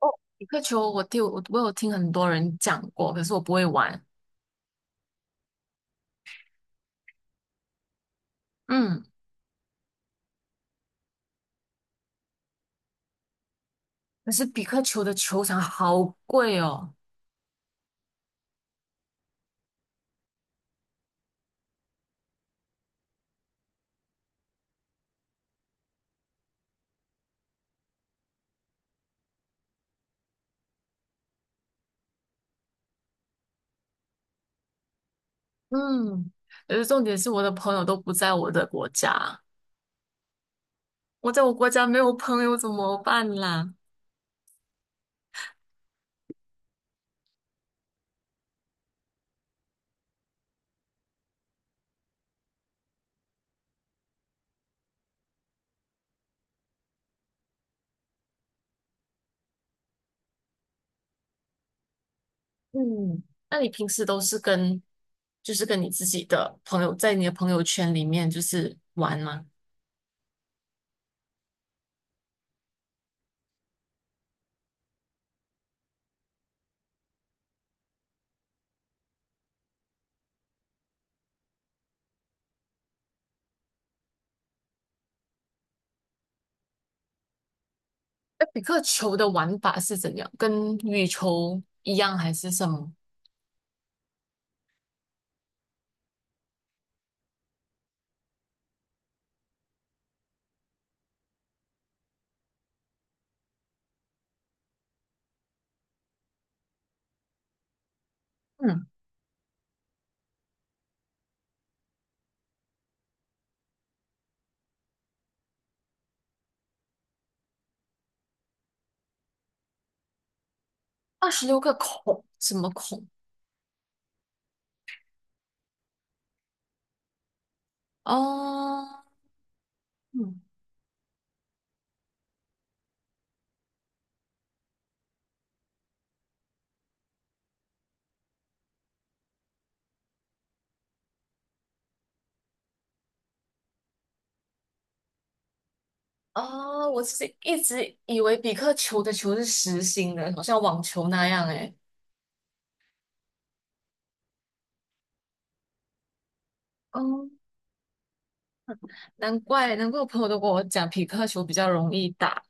哦，比克球我有听很多人讲过，可是我不会玩。嗯，可是比克球的球场好贵哦。嗯，可是重点是我的朋友都不在我的国家，我在我国家没有朋友怎么办啦？嗯，那你平时都是跟就是跟你自己的朋友在你的朋友圈里面就是玩吗？那比克球的玩法是怎样？跟羽球一样还是什么？嗯，26个孔，什么孔？哦。嗯。哦，我是一直以为比克球的球是实心的，好像网球那样诶。哦，难怪难怪我朋友都跟我讲匹克球比较容易打。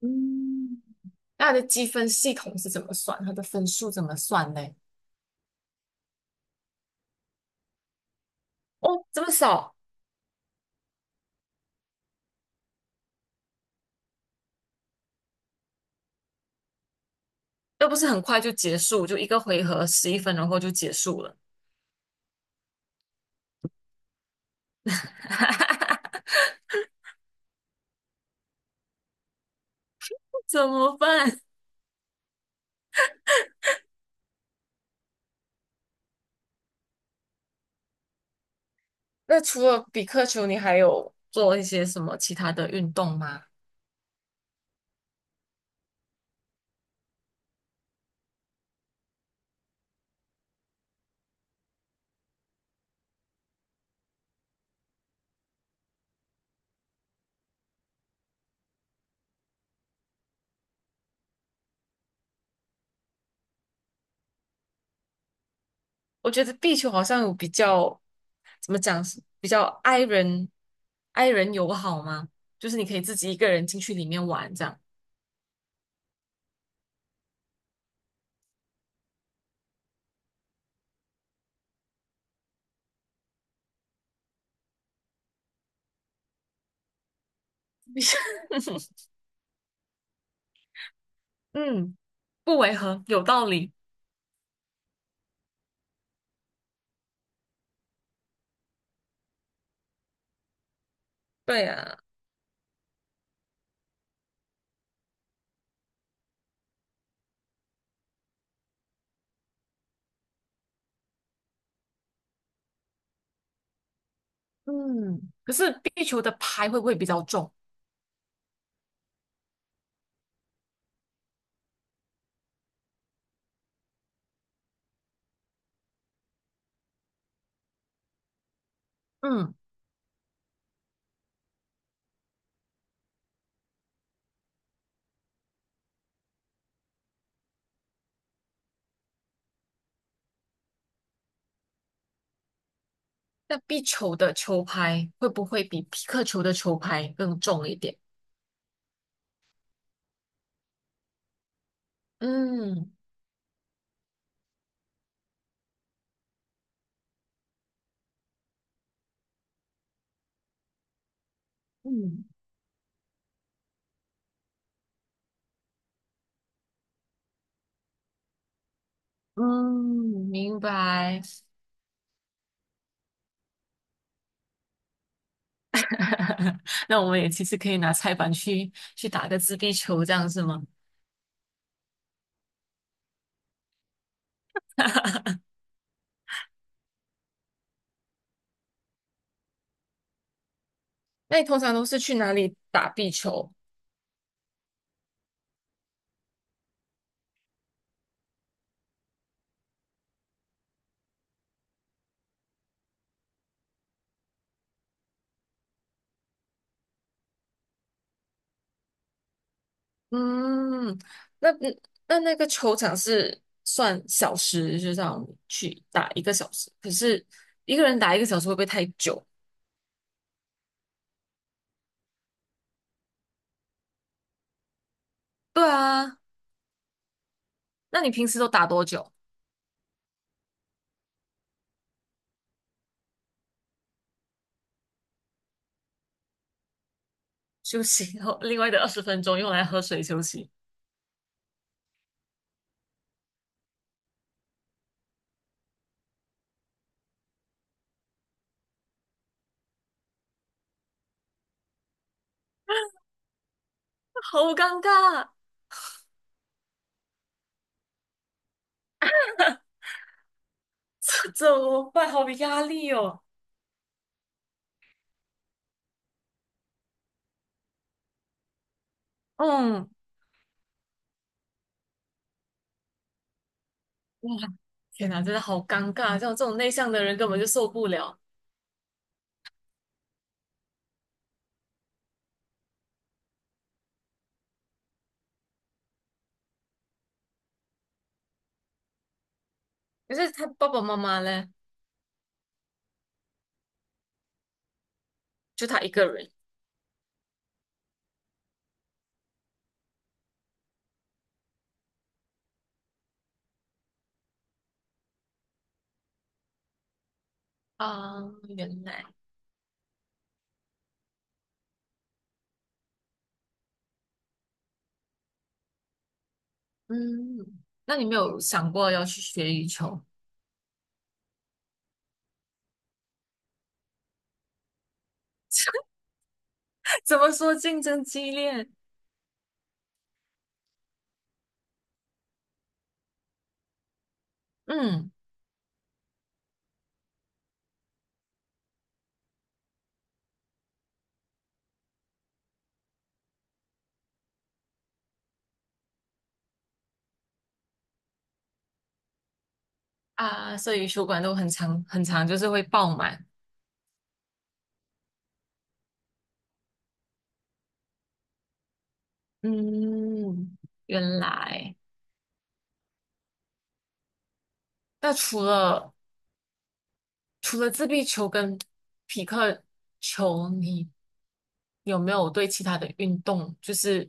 嗯，那它的积分系统是怎么算？它的分数怎么算呢？哦，这么少。又不是很快就结束，就一个回合11分钟后就结束了。怎么办？那除了比克球，你还有做一些什么其他的运动吗？我觉得壁球好像有比较，怎么讲，比较 i 人 i 人友好吗？就是你可以自己一个人进去里面玩这样。嗯，不违和，有道理。对啊。嗯，可是壁球的拍会不会比较重？嗯。那壁球的球拍会不会比皮克球的球拍更重一点？嗯嗯嗯，明白。那我们也其实可以拿菜板去打个自闭球，这样是吗？那你通常都是去哪里打壁球？嗯，那那个球场是算小时，就这样去打一个小时。可是一个人打一个小时会不会太久？对啊，那你平时都打多久？休息，然后另外的20分钟用来喝水休息。好尴尬。怎么办？好有压力哦。嗯。哇，天哪，真的好尴尬，像我这种内向的人根本就受不了。可是他爸爸妈妈呢？就他一个人啊。原来。嗯，那你没有想过要去学羽球？怎么说竞争激烈？嗯。啊，所以羽球馆都很长很长，就是会爆满。嗯，原来。那除了自闭球跟匹克球，你有没有对其他的运动，就是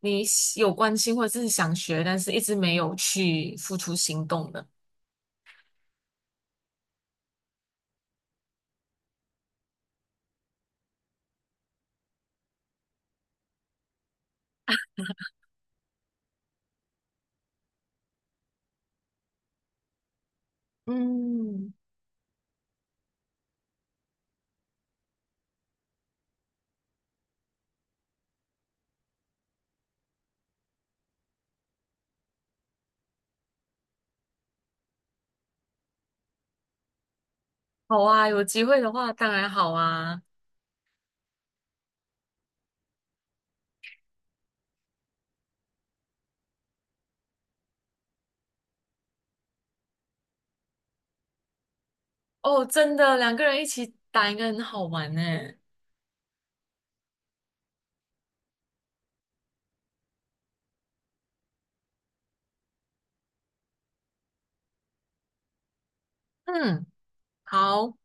你喜有关心或者是想学，但是一直没有去付出行动的？嗯，好啊，有机会的话当然好啊。哦，真的，2个人一起打应该很好玩呢。嗯，好。